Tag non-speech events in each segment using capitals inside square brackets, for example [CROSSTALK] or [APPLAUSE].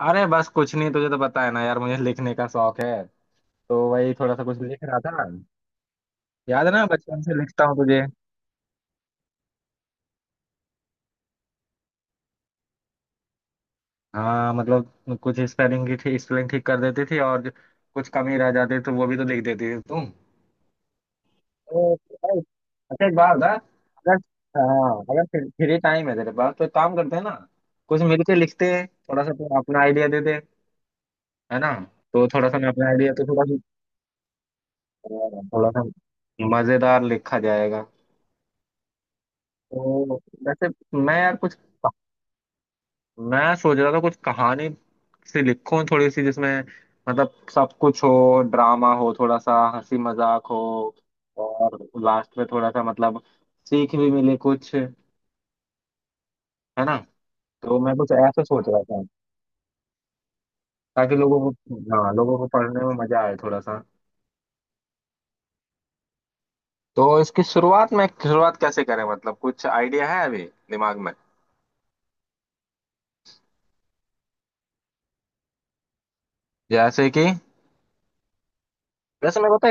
अरे बस कुछ नहीं। तुझे तो पता है ना यार, मुझे लिखने का शौक है। तो वही थोड़ा सा कुछ लिख रहा था। याद है ना, बचपन से लिखता हूँ तुझे। हाँ, मतलब कुछ स्पेलिंग की थी, स्पेलिंग ठीक कर देती थी और कुछ कमी रह जाती तो वो भी तो लिख देती थी तुम। ओ, अच्छा एक बात बता। अगर हाँ, अगर फ्री फ्री टाइम है तेरे पास तो एक काम करते हैं ना। कुछ मिलके लिखते हैं थोड़ा सा। तू अपना आइडिया दे दे। है ना। तो थोड़ा सा मैं अपना आइडिया। तो थोड़ा सा, थोड़ा सा मजेदार लिखा जाएगा। तो वैसे, मैं यार कुछ, मैं सोच रहा था कुछ कहानी सी लिखूं थोड़ी सी, जिसमें मतलब सब कुछ हो, ड्रामा हो, थोड़ा सा हंसी मजाक हो और लास्ट में थोड़ा सा मतलब सीख भी मिले कुछ। है ना। तो मैं कुछ ऐसा सोच रहा था ताकि लोगों को, हाँ, लोगों को पढ़ने में मजा आए थोड़ा सा। तो इसकी शुरुआत में, शुरुआत कैसे करें, मतलब कुछ आइडिया है अभी दिमाग में। जैसे कि, जैसे मेरे को तो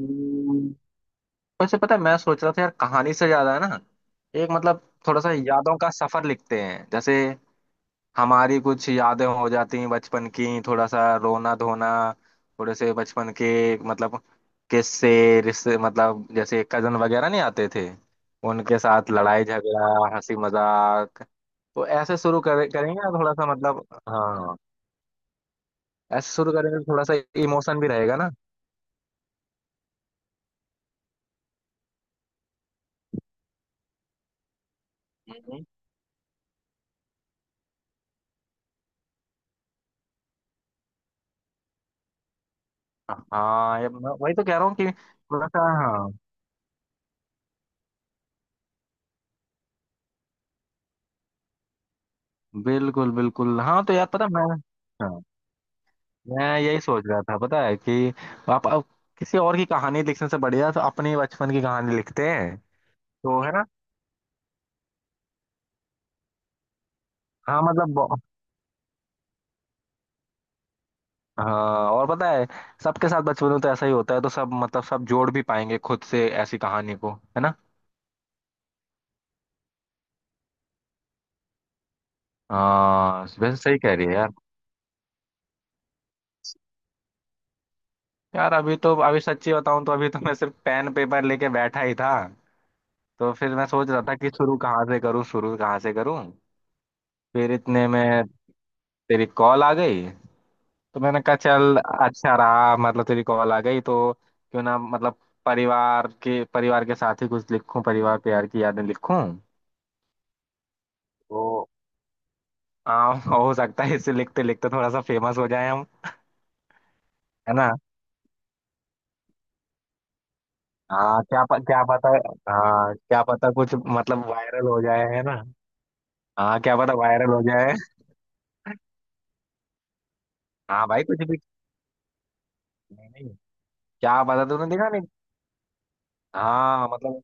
एक, वैसे पता है, मैं सोच रहा था यार, कहानी से ज्यादा है ना, एक मतलब थोड़ा सा यादों का सफर लिखते हैं। जैसे हमारी कुछ यादें हो जाती हैं बचपन की, थोड़ा सा रोना धोना, थोड़े से बचपन के मतलब किस्से, रिश्ते, मतलब जैसे कजन वगैरह नहीं आते थे, उनके साथ लड़ाई झगड़ा, हंसी मजाक। तो ऐसे करेंगे ना, थोड़ा सा मतलब। हाँ, ऐसे शुरू करेंगे तो थोड़ा सा इमोशन भी रहेगा ना। हम्म। हाँ, वही तो कह रहा हूँ कि थोड़ा सा, बिल्कुल बिल्कुल। हाँ तो यार, पता, मैं, हाँ, मैं यही सोच रहा था पता है, कि आप अब किसी और की कहानी लिखने से बढ़िया तो अपने बचपन की कहानी लिखते हैं। तो है ना। हाँ मतलब बहु- हाँ, और पता है, सबके साथ बचपन में तो ऐसा ही होता है, तो सब मतलब सब जोड़ भी पाएंगे खुद से ऐसी कहानी को। है ना। हाँ, वैसे सही कह रही है यार। यार अभी तो, अभी सच्ची बताऊं तो अभी तो मैं सिर्फ पेन पेपर लेके बैठा ही था। तो फिर मैं सोच रहा था कि शुरू कहाँ से करूँ, शुरू कहाँ से करूँ। फिर इतने में तेरी कॉल आ गई। तो मैंने कहा चल, अच्छा रहा मतलब, तेरी कॉल आ गई तो क्यों ना मतलब परिवार के साथ ही कुछ लिखूं, परिवार प्यार की यादें लिखूं। तो हो सकता है इसे लिखते लिखते थोड़ा सा फेमस हो जाए हम। है ना। क्या पता। हाँ क्या पता कुछ मतलब वायरल हो जाए। है ना। हाँ क्या पता वायरल हो जाए। हाँ भाई कुछ भी। नहीं, नहीं। क्या पता, तूने देखा नहीं। हाँ मतलब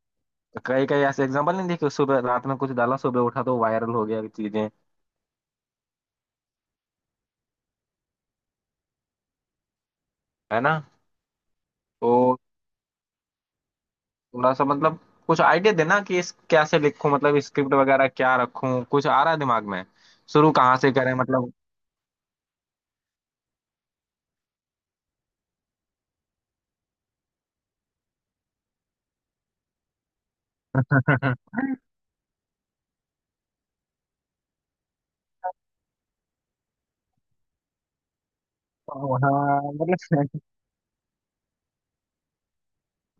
कई कई ऐसे एग्जाम्पल नहीं देखे, सुबह, रात में कुछ डाला, सुबह उठा तो वायरल हो गया चीजें। है ना। तो थोड़ा सा मतलब कुछ आइडिया देना कि इस कैसे लिखूं, मतलब स्क्रिप्ट वगैरह क्या रखूं, कुछ आ रहा है दिमाग में, शुरू कहाँ से करें मतलब। [LAUGHS] वहाँ, मतलब,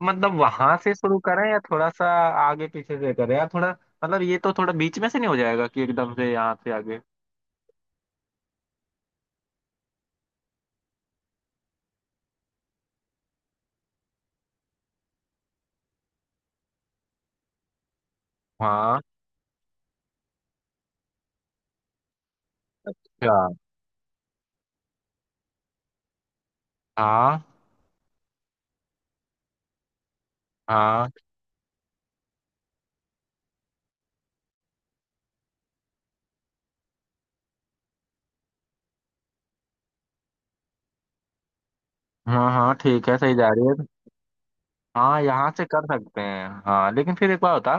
मतलब वहां से शुरू करें या थोड़ा सा आगे पीछे से करें या थोड़ा, मतलब ये तो थोड़ा बीच में से नहीं हो जाएगा कि एकदम से यहाँ से आगे। हाँ, अच्छा। हाँ हाँ हाँ हाँ, ठीक है, सही जा रही है। हाँ यहाँ से कर सकते हैं, हाँ, लेकिन फिर एक बार होता।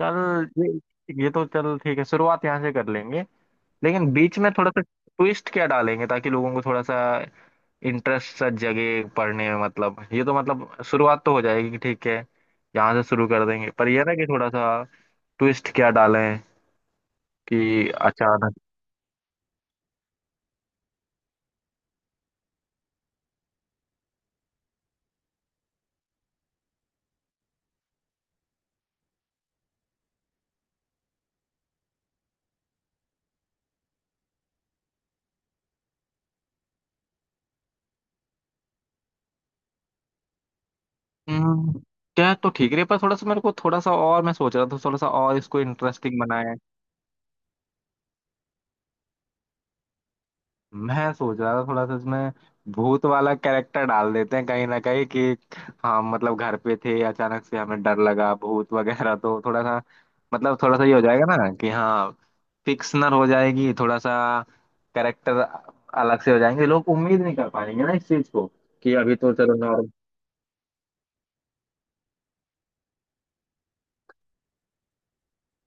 चल ये तो चल ठीक है, शुरुआत यहाँ से कर लेंगे। लेकिन बीच में थोड़ा सा ट्विस्ट क्या डालेंगे ताकि लोगों को थोड़ा सा इंटरेस्ट सा जगे पढ़ने में। मतलब ये तो मतलब शुरुआत तो हो जाएगी कि ठीक है, यहाँ से शुरू कर देंगे, पर ये ना कि थोड़ा सा ट्विस्ट क्या डालें कि अचानक। हम्म, क्या है, तो ठीक है, पर थोड़ा सा मेरे को थोड़ा सा, और मैं सोच रहा था थोड़ा सा और इसको इंटरेस्टिंग। मैं सोच रहा था थोड़ा सा इसमें भूत वाला कैरेक्टर डाल देते हैं कहीं ना कहीं, कि हम मतलब घर पे थे, अचानक से हमें डर लगा, भूत [LAUGHS] वगैरह, तो थोड़ा सा मतलब थोड़ा सा ये हो जाएगा ना कि हाँ, फिक्शनल हो जाएगी थोड़ा सा, कैरेक्टर अलग से हो जाएंगे, लोग उम्मीद नहीं कर पाएंगे ना इस चीज को, कि अभी तो चलो नॉर्मल।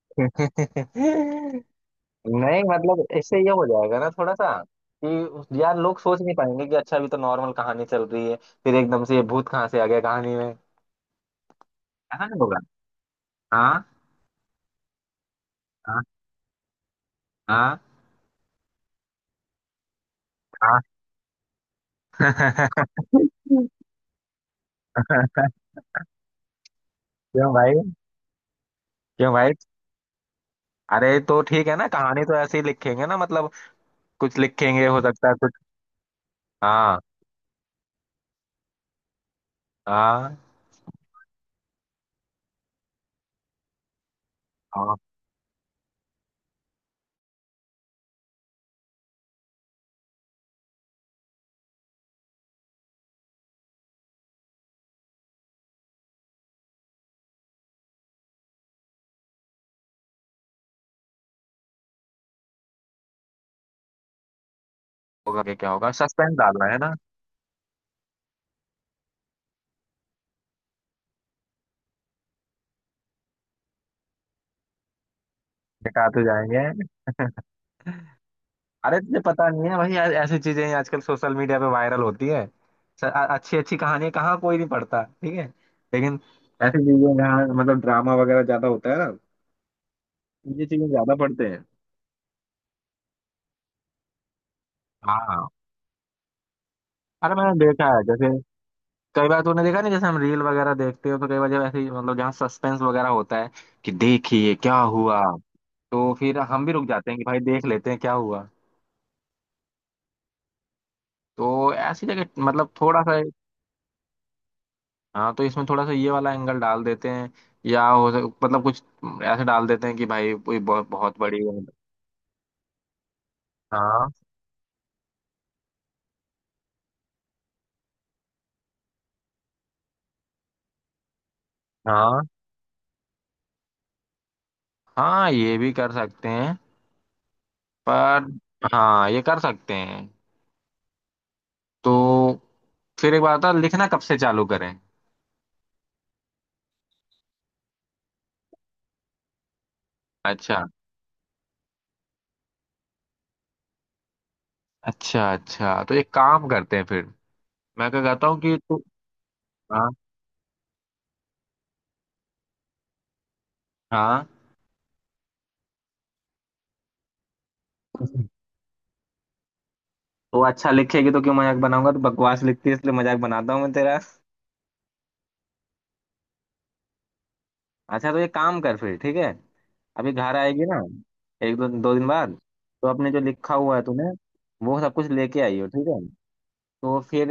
[LAUGHS] नहीं मतलब, इससे ये हो जाएगा ना थोड़ा सा कि यार लोग सोच नहीं पाएंगे कि अच्छा अभी तो नॉर्मल कहानी चल रही है, फिर एकदम से ये भूत कहाँ से आ गया कहानी में। ऐसा नहीं। हाँ, हाँ। हाँ, हाँ। [LAUGHS] क्यों भाई, क्यों भाई, अरे तो ठीक है ना, कहानी तो ऐसे ही लिखेंगे ना मतलब कुछ लिखेंगे, हो सकता है कुछ। हाँ, हाँ, हाँ, होगा कि क्या होगा, सस्पेंस डालना है ना, दिखाते जाएंगे। अरे तुझे पता नहीं है भाई, ऐसी चीजें ही आजकल सोशल मीडिया पे वायरल होती है। अच्छी अच्छी कहानी कहाँ कोई नहीं पढ़ता, ठीक है, लेकिन ऐसी चीजें जहाँ मतलब ड्रामा वगैरह ज्यादा होता है ना, ये चीजें ज्यादा पढ़ते हैं। हाँ, हाँ। अरे मैंने देखा है, जैसे कई बार तूने देखा नहीं, जैसे हम रील वगैरह देखते हो तो कई बार जब ऐसे ही, मतलब जहाँ सस्पेंस वगैरह होता है कि देखिए क्या हुआ, तो फिर हम भी रुक जाते हैं कि भाई देख लेते हैं क्या हुआ। तो ऐसी जगह मतलब थोड़ा सा, हाँ, तो इसमें थोड़ा सा ये वाला एंगल डाल देते हैं, मतलब कुछ ऐसे डाल देते हैं कि भाई कोई बहुत बहुत बड़ी। हाँ, हाँ, हाँ, ये भी कर सकते हैं, पर हाँ, ये कर सकते हैं। तो फिर एक बात था, लिखना कब से चालू करें। अच्छा, अच्छा अच्छा, तो एक काम करते हैं फिर। मैं क्या कहता हूँ कि तू, हाँ, हाँ। [LAUGHS] तो अच्छा लिखेगी तो क्यों मजाक बनाऊंगा, तो बकवास लिखती है इसलिए मजाक बनाता हूँ मैं तेरा। अच्छा, तो ये काम कर फिर, ठीक है। अभी घर आएगी ना, एक दो दो दिन बाद, तो अपने जो लिखा हुआ है तूने, वो सब कुछ लेके आई हो, ठीक है। तो फिर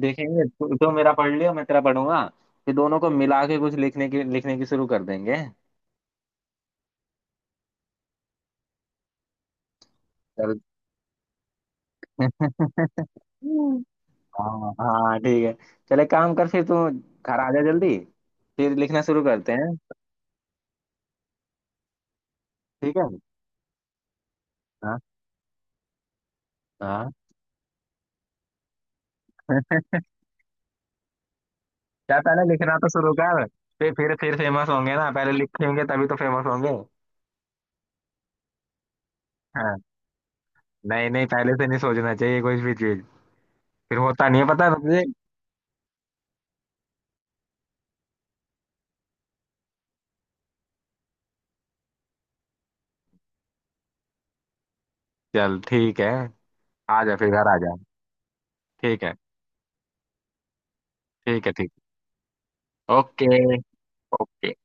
देखेंगे, तू तो मेरा पढ़ लियो, मैं तेरा पढ़ूंगा, फिर दोनों को मिला के कुछ लिखने की शुरू कर देंगे। चल। [LAUGHS] हाँ हाँ ठीक है, चले, काम कर फिर तू, घर आ जा जल्दी, फिर लिखना शुरू करते हैं। ठीक है। हाँ, हाँ। [LAUGHS] क्या, पहले लिखना तो शुरू कर, फिर फेमस होंगे ना, पहले लिखेंगे तभी तो फेमस होंगे। हाँ, नहीं नहीं पहले से नहीं सोचना चाहिए कोई भी चीज, फिर होता नहीं है पता है तुझे। चल ठीक है, आ जा फिर, घर आ जा। ठीक है, ठीक है, ठीक। ओके। ओके।